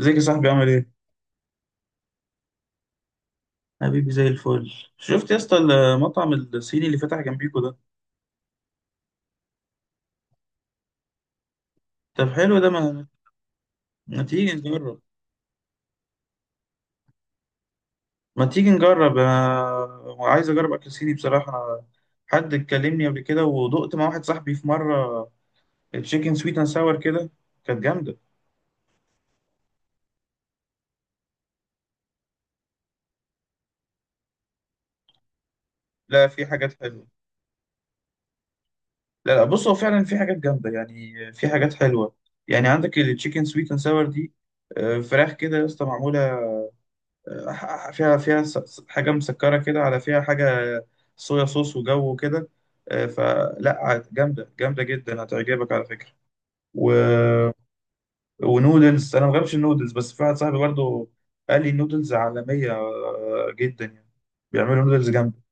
ازيك يا صاحبي، عامل ايه؟ حبيبي، زي الفل. شفت يا اسطى المطعم الصيني اللي فتح جنبيكوا ده؟ طب حلو ده ما تيجي نجرب. ما تيجي نجرب، انا عايز اجرب اكل صيني بصراحة. أنا حد اتكلمني قبل كده، ودقت مع واحد صاحبي في مرة تشيكن سويت اند ساور كده، كانت جامدة. لا، في حاجات حلوة. لا لا، بص، هو فعلا في حاجات جامدة يعني، في حاجات حلوة. يعني عندك التشيكن سويت اند ساور دي، فراخ كده يا اسطى معمولة، فيها حاجة مسكرة كده، على فيها حاجة صويا صوص وجو كده. جامدة، جامدة جدا، هتعجبك على فكرة. و... ونودلز، أنا ما بحبش النودلز، بس في واحد صاحبي برضه قال لي النودلز عالمية جدا يعني، بيعملوا نودلز جامدة.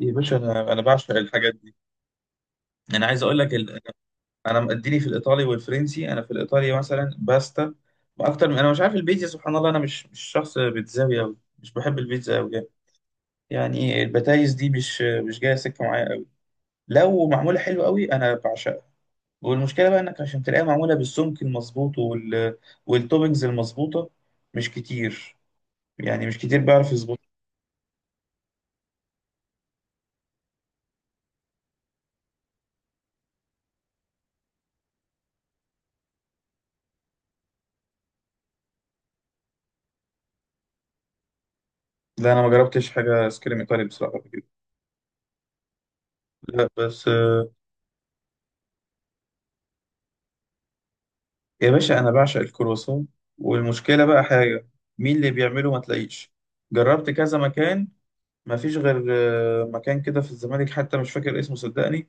يا باشا أنا بعشق الحاجات دي. أنا عايز أقول لك أنا مديني في الإيطالي والفرنسي. أنا في الإيطالي مثلا باستا أكتر من، أنا مش عارف، البيتزا سبحان الله أنا مش شخص بيتزاوي أوي، مش بحب البيتزا أوي يعني. يعني البتايز دي مش جايه سكه معايا قوي. لو معموله حلو قوي انا بعشقها. والمشكله بقى انك عشان تلاقيها معموله بالسمك المظبوط والتوبنجز المظبوطه، مش كتير. يعني مش كتير بيعرف يظبط. لا، انا ما جربتش حاجه سكريم ايطالي بصراحه قبل كده. لا بس يا باشا انا بعشق الكرواسون. والمشكله بقى حاجه، مين اللي بيعمله؟ ما تلاقيش. جربت كذا مكان، ما فيش غير مكان كده في الزمالك، حتى مش فاكر اسمه صدقني.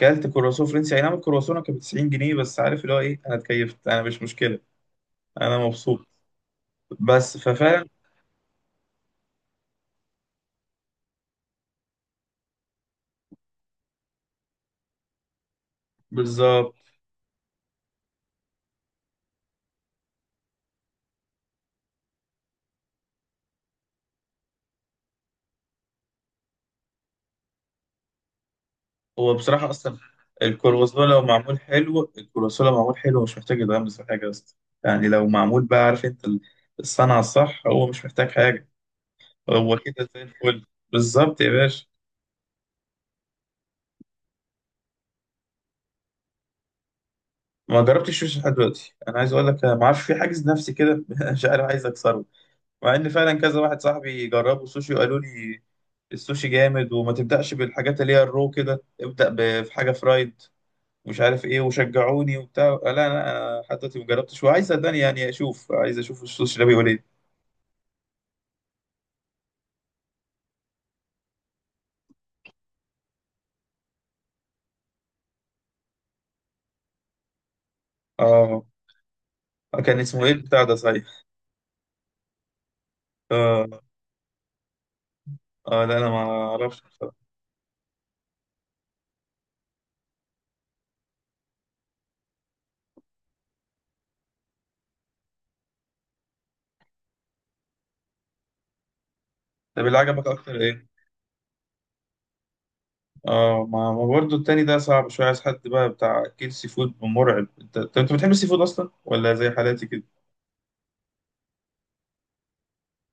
كلت كرواسون فرنسي، اي نعم الكرواسون كانت ب 90 جنيه، بس عارف اللي هو ايه؟ انا اتكيفت، انا مش مشكله، انا مبسوط. بس ففعلا، بالظبط. هو بصراحه اصلا الكرواسون لو معمول حلو، الكرواسون لو معمول حلو مش محتاج يتغمس في حاجه اصلا. يعني لو معمول بقى، عارف انت، الصنعه الصح، هو مش محتاج حاجه. هو كده زي الفل، بالظبط يا باشا. ما جربتش الشوش لحد دلوقتي. انا عايز اقول لك، أنا ما اعرفش، في حاجز نفسي كده. مش عارف، عايز اكسره. مع ان فعلا كذا واحد صاحبي جربوا سوشي وقالوا لي السوشي جامد، وما تبدأش بالحاجات اللي هي الرو كده، ابدأ في حاجة فرايد مش عارف ايه، وشجعوني وبتاع. لا لا، انا حتى دلوقتي ما جربتش، وعايز صدقني يعني اشوف، عايز اشوف السوشي ده بيقول ايه. اه. كان اسمه ايه البتاع ده صحيح؟ اه. اه لا انا ما اعرفش بصراحة. طب اللي عجبك اكتر ايه؟ اه، ما برضه التاني ده صعب شوية، عايز حد بقى بتاع اكل سي فود مرعب. انت طب انت بتحب السي فود اصلا ولا زي حالاتي كده؟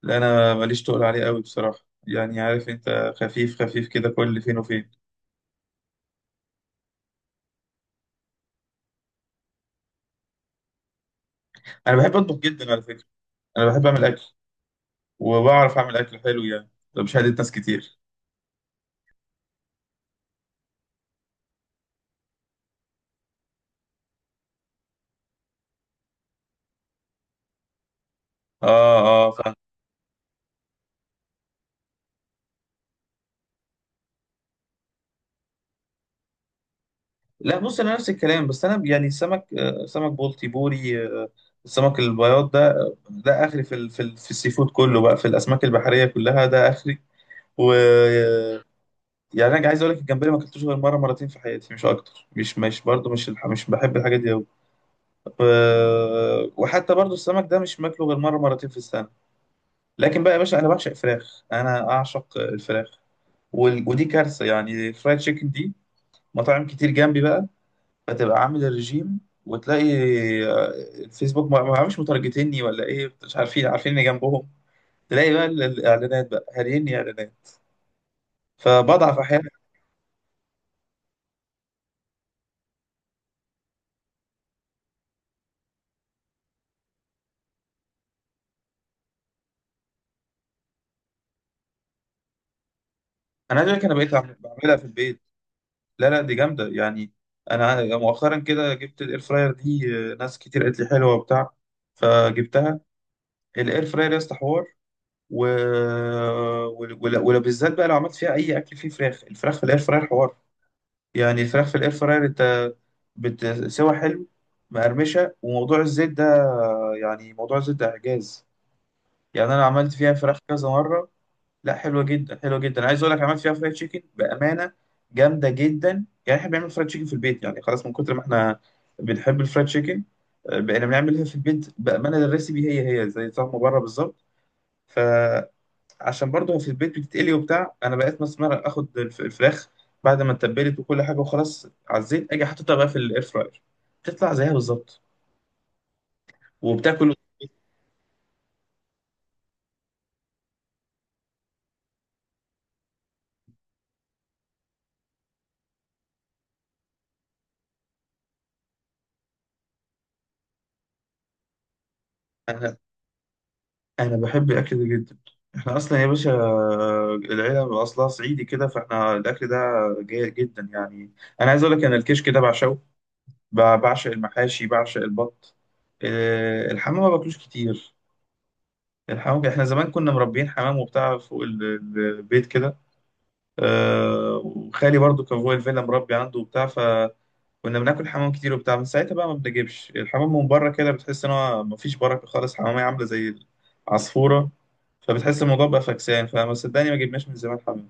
لا انا ماليش تقول عليه قوي بصراحه. يعني عارف انت، خفيف خفيف كده، كل فين وفين. انا بحب اطبخ جدا على فكره. انا بحب اعمل اكل، وبعرف اعمل اكل حلو يعني، ده مش هادي ناس كتير. اه. اه فاهم. لا بص، انا نفس الكلام، بس انا يعني السمك، سمك بلطي، بوري، السمك البياض ده، ده اخري في في السي فود كله بقى، في الاسماك البحريه كلها ده اخري. و يعني انا عايز اقول لك، الجمبري ما اكلتوش غير مره مرتين في حياتي، مش اكتر. مش برضه، مش بحب الحاجات دي أوي. وحتى برضو السمك ده مش ماكله غير مرة مرتين في السنة. لكن بقى يا باشا أنا بعشق فراخ، أنا أعشق الفراخ. ودي كارثة يعني، الفرايد تشيكن دي، مطاعم كتير جنبي بقى. فتبقى عامل الرجيم وتلاقي آه، الفيسبوك ما عارفش مترجتني ولا ايه، مش عارفين، عارفين اني جنبهم. تلاقي بقى الاعلانات بقى هاريني اعلانات، فبضعف احيانا. انا عايز أقول لك، انا بقيت بعملها في البيت. لا لا، دي جامدة يعني. أنا مؤخرا كده جبت الإير فراير دي، ناس كتير قالت لي حلوة وبتاع، فجبتها. الإير فراير يا اسطى حوار. و... ولو بالذات بقى، لو عملت فيها أي أكل فيه فراخ، الفراخ في الإير فراير حوار. يعني الفراخ في الإير فراير أنت بتسوى حلو، مقرمشة. وموضوع الزيت ده يعني موضوع الزيت ده إعجاز. يعني أنا عملت فيها فراخ كذا مرة. لا حلوه جدا، حلوه جدا. عايز اقول لك، عملت فيها فرايد تشيكن بامانه جامده جدا. يعني احنا بنعمل فرايد تشيكن في البيت، يعني خلاص، من كتر ما احنا بنحب الفرايد تشيكن بقينا بنعملها في البيت بامانه، الريسيبي هي هي زي طعم بره بالظبط. فعشان برضه في البيت بتتقلي وبتاع، انا بقيت مسمار، اخد الفراخ بعد ما اتبلت وكل حاجه، وخلاص على الزيت، اجي حاططها بقى في الاير فراير، بتطلع زيها بالظبط وبتاكل. انا انا بحب الاكل ده جدا. احنا اصلا يا باشا، العيله اصلها صعيدي كده، فاحنا الاكل ده جيد جدا يعني. انا عايز اقول لك، انا الكشك ده بعشقه، بعشق المحاشي، بعشق البط. الحمام ما باكلوش كتير. الحمام احنا زمان كنا مربيين حمام وبتاع فوق البيت كده. وخالي برضو كان فوق الفيلا مربي عنده وبتاع، كنا بناكل حمام كتير وبتاع. من ساعتها بقى ما بنجيبش الحمام من بره كده، بتحس ان هو مفيش بركه خالص، حمامية عامله زي العصفوره. فبتحس الموضوع بقى فكسان، فما صدقني ما جبناش من زمان حمام.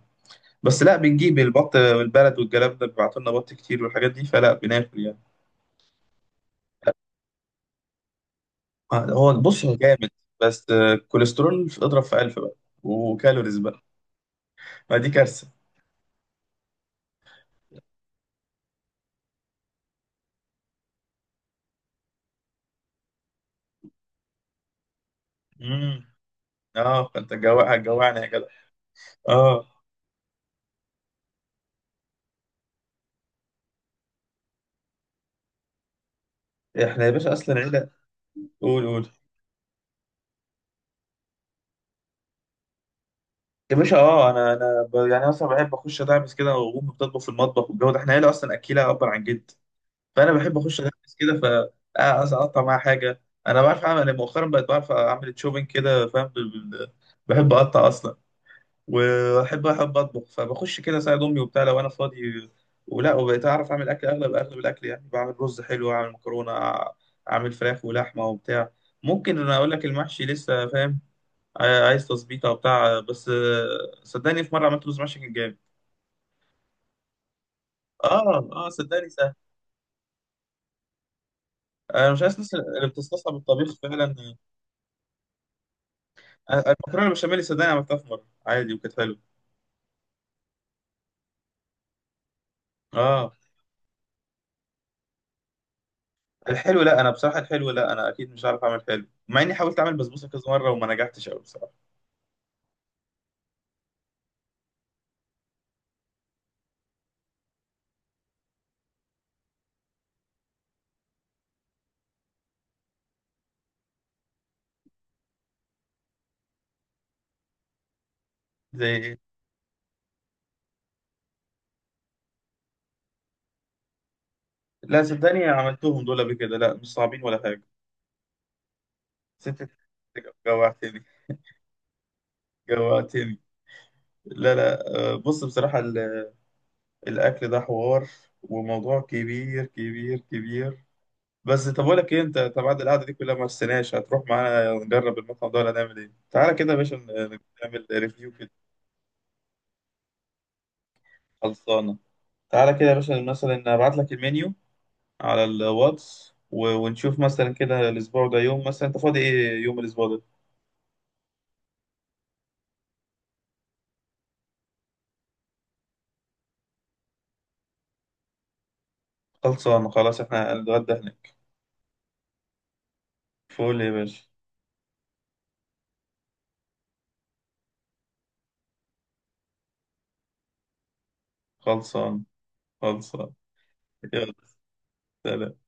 بس لا بنجيب البط، والبلد والجلاب ده بيبعتوا لنا بط كتير والحاجات دي، فلا بناكل يعني. هو بص هو جامد، بس كوليسترول اضرب في ألف بقى، وكالوريز بقى. ما دي كارثة. امم، اه فانت هتجوعني يا جدع. اه. احنا يا باشا اصلا عيلة. قول، قول. يا باشا اه، انا يعني اصلا بحب اخش ادعبس كده، وامي بتطبخ في المطبخ والجو ده. احنا عيله اصلا اكيله، ابا عن جد. فانا بحب اخش ادعبس كده. ف اقطع معاها حاجه. انا بعرف اعمل، أنا مؤخرا بقيت بعرف اعمل شوبينج كده فاهم، بحب اقطع اصلا. واحب، احب اطبخ، فبخش كده اساعد امي وبتاع لو انا فاضي. ولا، وبقيت اعرف اعمل اكل، اغلب اغلب الاكل يعني، بعمل رز حلو، اعمل مكرونه، اعمل فراخ ولحمه وبتاع. ممكن، انا اقول لك المحشي لسه فاهم، عايز تظبيط او بتاع، بس صدقني في مره عملت رز محشي كان جامد. اه اه، صدقني سهل. انا مش عايز الناس اللي بتستصعب الطبيخ فعلا. المكرونه البشاميل صدقني عملتها في مره عادي وكانت حلوه. اه. الحلو لا، انا بصراحه الحلو لا، انا اكيد مش عارف اعمل حلو، مع اني حاولت اعمل بسبوسه كذا مره وما نجحتش قوي بصراحه. زي ايه؟ لا صدقني، عملتهم دول قبل كده، لا مش صعبين ولا حاجه. ست. جوعتني، جوعتني. لا لا، بص بصراحه، الاكل ده حوار، وموضوع كبير كبير كبير. بس طب اقول لك ايه، انت طب بعد القعده دي كلها، ما استناش، هتروح معانا نجرب المطعم ده ولا نعمل ايه؟ تعالى كده يا باشا نعمل ريفيو كده. خلصانه. تعالى كده يا باشا، مثلا ابعت لك المنيو على الواتس، ونشوف مثلا كده الاسبوع ده يوم، مثلا انت فاضي ايه يوم الاسبوع ده؟ خلصانه خلاص، احنا هنتغدى هناك. فول يا باشا. خلصان، خلصان. يلا، سلام.